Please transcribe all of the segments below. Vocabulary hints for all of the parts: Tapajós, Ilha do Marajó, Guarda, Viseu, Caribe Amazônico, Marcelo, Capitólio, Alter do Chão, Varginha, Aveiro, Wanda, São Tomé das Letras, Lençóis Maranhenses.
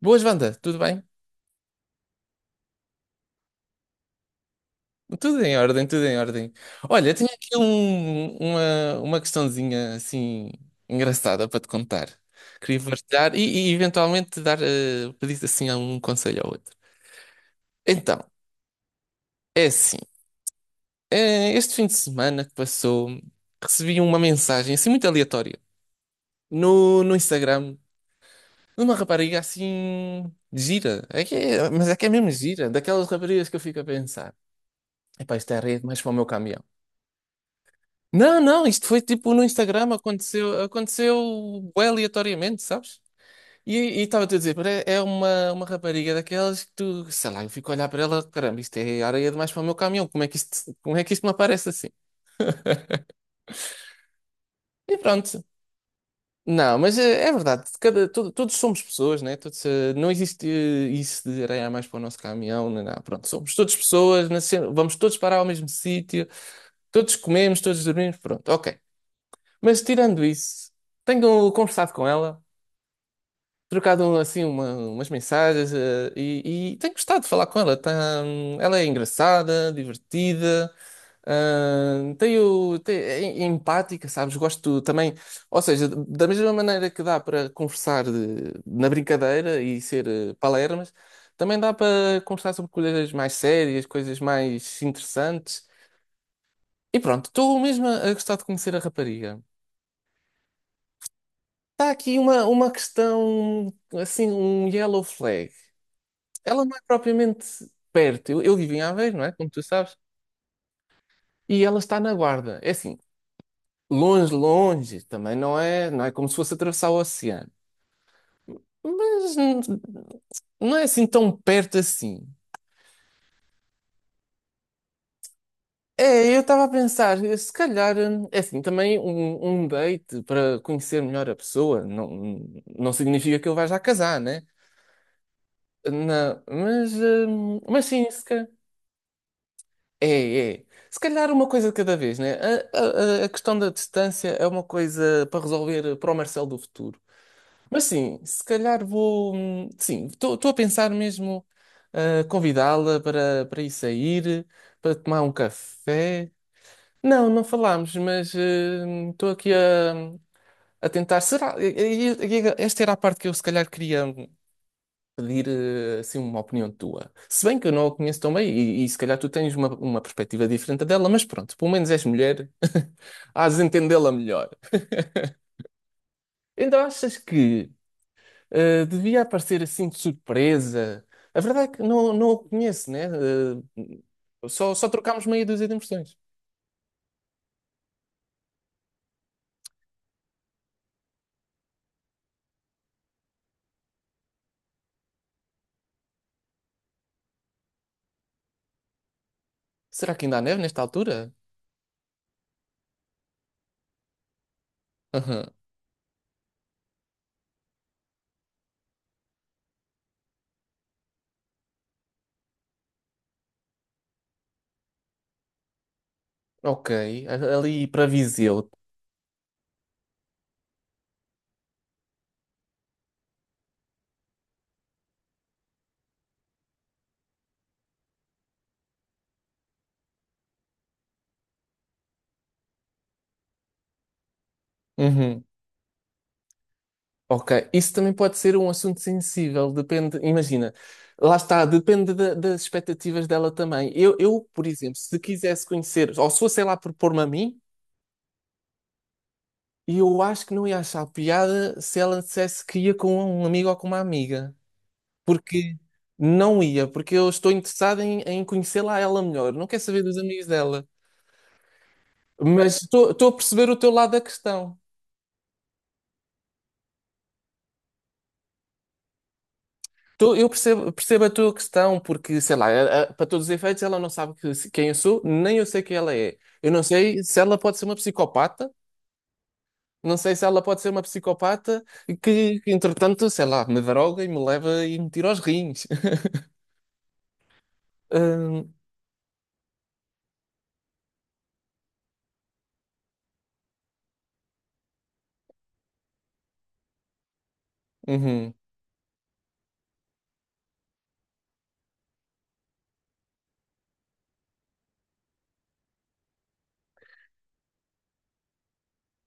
Boas, Wanda, tudo bem? Tudo em ordem, tudo em ordem. Olha, tenho aqui uma questãozinha assim engraçada para te contar. Queria partilhar e eventualmente pedir assim um conselho ao outro. Então, é assim, este fim de semana que passou, recebi uma mensagem assim muito aleatória no Instagram de uma rapariga assim gira. Mas é que é mesmo gira, daquelas raparigas que eu fico a pensar. Epá, isto é a rede mais para o meu caminhão. Não, não, isto foi tipo no Instagram, aconteceu bué aleatoriamente, sabes? E e estava-te a dizer, pá, é uma rapariga daquelas que tu, sei lá, eu fico a olhar para ela, caramba, isto é areia demais para o meu caminhão, como é que isto me aparece assim? E pronto. Não, mas é, verdade, todos somos pessoas, né? Todos, não existe isso de areia a mais para o nosso caminhão, não, não. Pronto, somos todos pessoas, vamos todos parar ao mesmo sítio, todos comemos, todos dormimos, pronto, ok. Mas tirando isso, tenho conversado com ela, trocado assim umas mensagens e tenho gostado de falar com ela. Tá, ela é engraçada, divertida. É empática, sabes? Gosto também, ou seja, da mesma maneira que dá para conversar na brincadeira e ser palermas, também dá para conversar sobre coisas mais sérias, coisas mais interessantes. E pronto, estou mesmo a gostar de conhecer a rapariga. Está aqui uma questão, assim, um yellow flag. Ela não é propriamente perto. Eu vivo em Aveiro, não é? Como tu sabes. E ela está na Guarda. É assim, longe, longe. Também não é como se fosse atravessar o oceano. Mas não é assim tão perto assim. É, eu estava a pensar, se calhar, é assim, também um date para conhecer melhor a pessoa não, não significa que ele vai já casar, né? Mas sim. É, é. Se calhar uma coisa de cada vez, né? A questão da distância é uma coisa para resolver para o Marcelo do futuro. Mas sim, se calhar vou. Sim, estou a pensar mesmo convidá-la para ir sair, para tomar um café. Não, não falámos, mas estou aqui a tentar. Será? Esta era a parte que eu se calhar queria pedir assim uma opinião tua. Se bem que eu não a conheço tão bem e se calhar tu tens uma perspectiva diferente dela, mas pronto, pelo menos és mulher, hás de entendê-la melhor. Então achas que devia aparecer assim de surpresa? A verdade é que não, não a conheço, né? Só trocámos meia dúzia de impressões. Será que ainda há neve nesta altura? Aham. Ok, ali para Viseu. Uhum. Ok, isso também pode ser um assunto sensível, depende, imagina, lá está, depende das expectativas dela também. Eu, por exemplo, se quisesse conhecer, ou se fosse ela a propor-me a mim, eu acho que não ia achar piada se ela dissesse que ia com um amigo ou com uma amiga, porque não ia, porque eu estou interessado em conhecê-la a ela melhor, não quero saber dos amigos dela, mas estou a perceber o teu lado da questão. Eu percebo a tua questão, porque, sei lá, para todos os efeitos, ela não sabe quem eu sou, nem eu sei quem ela é. Eu não sei se ela pode ser uma psicopata, não sei se ela pode ser uma psicopata que, entretanto, sei lá, me droga e me leva e me tira aos rins. Hum, uhum.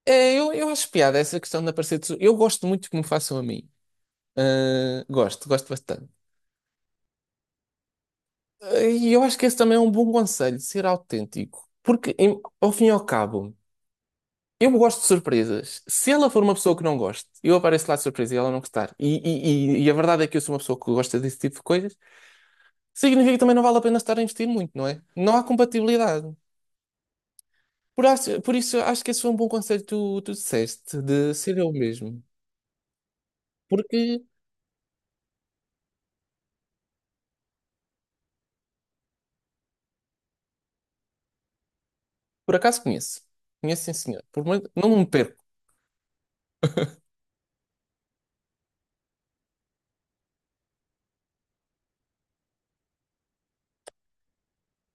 É, eu acho piada essa questão de aparecer. Tesouro. Eu gosto muito que me façam a mim. Ah, gosto, gosto bastante. Ah, e eu acho que esse também é um bom conselho, ser autêntico. Porque, ao fim e ao cabo. Eu gosto de surpresas. Se ela for uma pessoa que não goste, eu apareço lá de surpresa e ela não gostar. E a verdade é que eu sou uma pessoa que gosta desse tipo de coisas. Significa que também não vale a pena estar a investir muito, não é? Não há compatibilidade. Por isso, acho que esse foi um bom conselho que tu disseste, de ser eu mesmo. Porque, por acaso, conheço. Conheço, sim, senhor. Não me perco.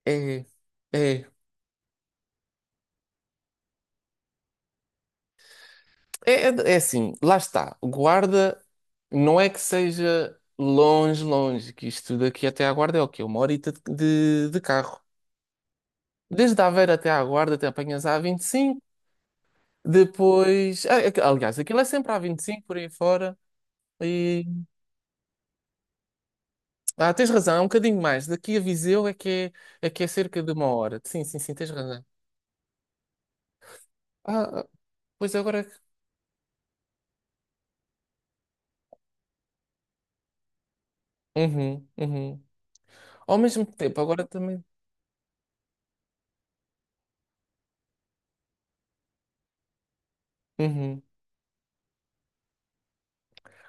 É, é. É, é assim, lá está. Guarda não é que seja longe, longe, que isto daqui até à Guarda é o quê? Uma horita de carro. Desde a Aveiro até à Guarda, até apanhas a 25. Depois. Aliás, aquilo é sempre a 25 por aí fora. E. Ah, tens razão, é um bocadinho mais. Daqui a Viseu é que é cerca de uma hora. Sim, sim, sim, tens razão. Ah, ah, pois agora. Uhum, uhum. Ao mesmo tempo, agora também. Uhum.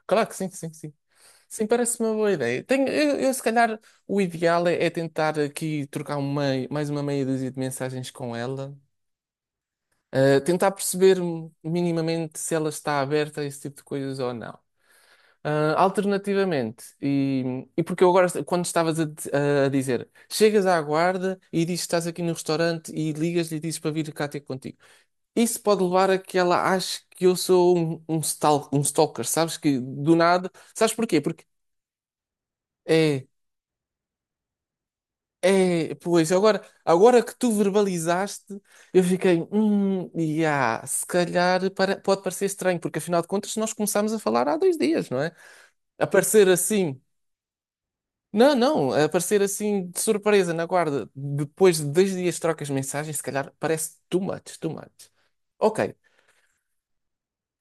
Claro que sim, sim, sim. Sim, parece-me uma boa ideia. Eu, se calhar, o ideal é tentar aqui trocar mais uma meia dúzia de mensagens com ela, tentar perceber minimamente se ela está aberta a esse tipo de coisas ou não. Ah, alternativamente, e porque eu agora, quando estavas a dizer, chegas à guarda e dizes que estás aqui no restaurante e ligas-lhe e dizes para vir cá ter contigo. Isso pode levar a que ela ache que eu sou um stalker, sabes? Que do nada. Sabes porquê? Porque. É, é, pois, agora que tu verbalizaste, eu fiquei, yeah, se calhar pode parecer estranho, porque afinal de contas nós começámos a falar há 2 dias, não é? Aparecer assim, não, não, aparecer assim de surpresa na guarda, depois de 2 dias de trocas de mensagens, se calhar parece too much, too much. Ok,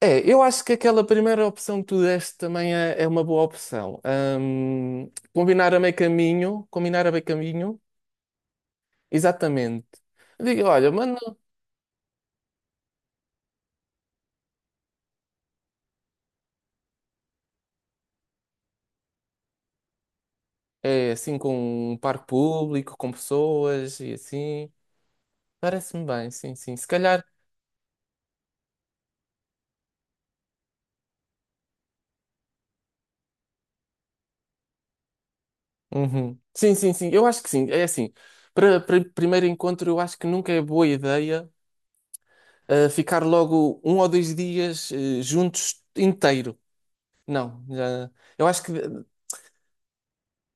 é, eu acho que aquela primeira opção que tu deste também é uma boa opção. Combinar a meio caminho, combinar a meio caminho, exatamente. Diga, olha, é assim com um parque público, com pessoas e assim. Parece-me bem, sim, sim. Se calhar. Uhum. Sim, sim, sim. Eu acho que sim. É assim. Para primeiro encontro, eu acho que nunca é boa ideia ficar logo 1 ou 2 dias juntos inteiro. Não, eu acho que.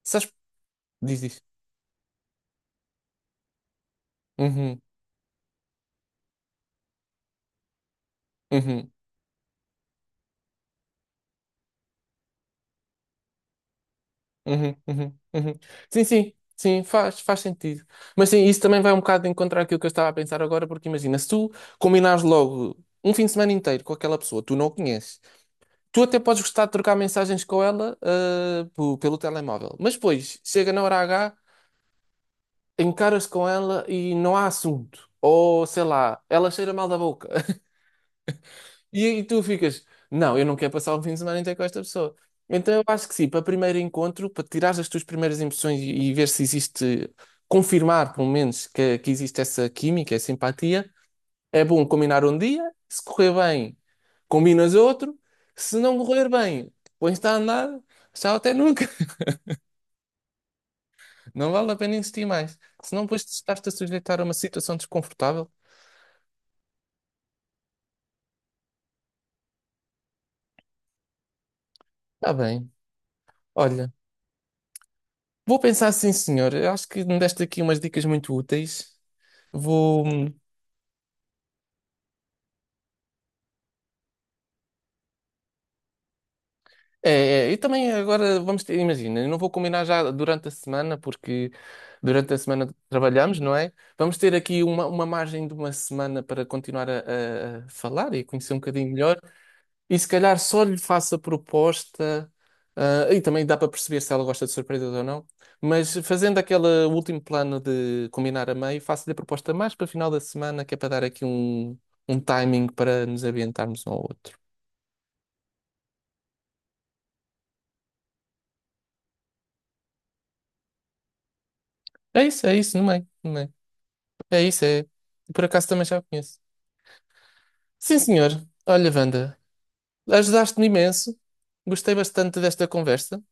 Sabes? Diz, diz. Uhum, uhum. Uhum, uhum, uhum. Sim, sim, sim, faz sentido. Mas sim, isso também vai um bocado de encontrar aquilo que eu estava a pensar agora, porque imagina, se tu combinares logo um fim de semana inteiro com aquela pessoa, tu não a conheces, tu até podes gostar de trocar mensagens com ela, pelo telemóvel, mas depois chega na hora H, encaras com ela e não há assunto. Ou sei lá, ela cheira mal da boca. E tu ficas, não, eu não quero passar o fim de semana inteiro com esta pessoa. Então eu acho que sim, para primeiro encontro, para tirar as tuas primeiras impressões e ver se existe, confirmar pelo menos que existe essa química, essa simpatia é bom combinar um dia, se correr bem, combinas outro, se não correr bem, pões-te a andar, tchau até nunca. Não vale a pena insistir mais. Se não, depois estás-te a sujeitar a uma situação desconfortável, está bem. Olha. Vou pensar sim, senhor. Eu acho que me deste aqui umas dicas muito úteis. Vou. É, é, e também agora vamos ter, imagina, eu não vou combinar já durante a semana, porque durante a semana trabalhamos, não é? Vamos ter aqui uma margem de uma semana para continuar a falar e conhecer um bocadinho melhor. E se calhar só lhe faço a proposta, e também dá para perceber se ela gosta de surpresas ou não, mas fazendo aquele último plano de combinar a meio, faço-lhe a proposta mais para o final da semana, que é para dar aqui um timing para nos ambientarmos um ao outro. É isso, no meio, no meio. É isso, é. Por acaso também já o conheço. Sim, senhor. Olha, Wanda, ajudaste-me imenso. Gostei bastante desta conversa.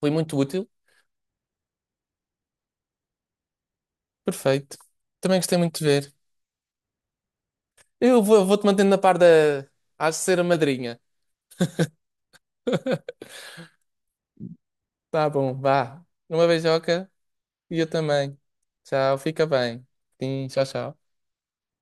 Foi muito útil. Perfeito. Também gostei muito de ver. Eu vou-te mantendo na par da. Hás de ser a madrinha. Tá bom, vá. Uma beijoca e eu também. Tchau, fica bem. Sim, tchau, tchau.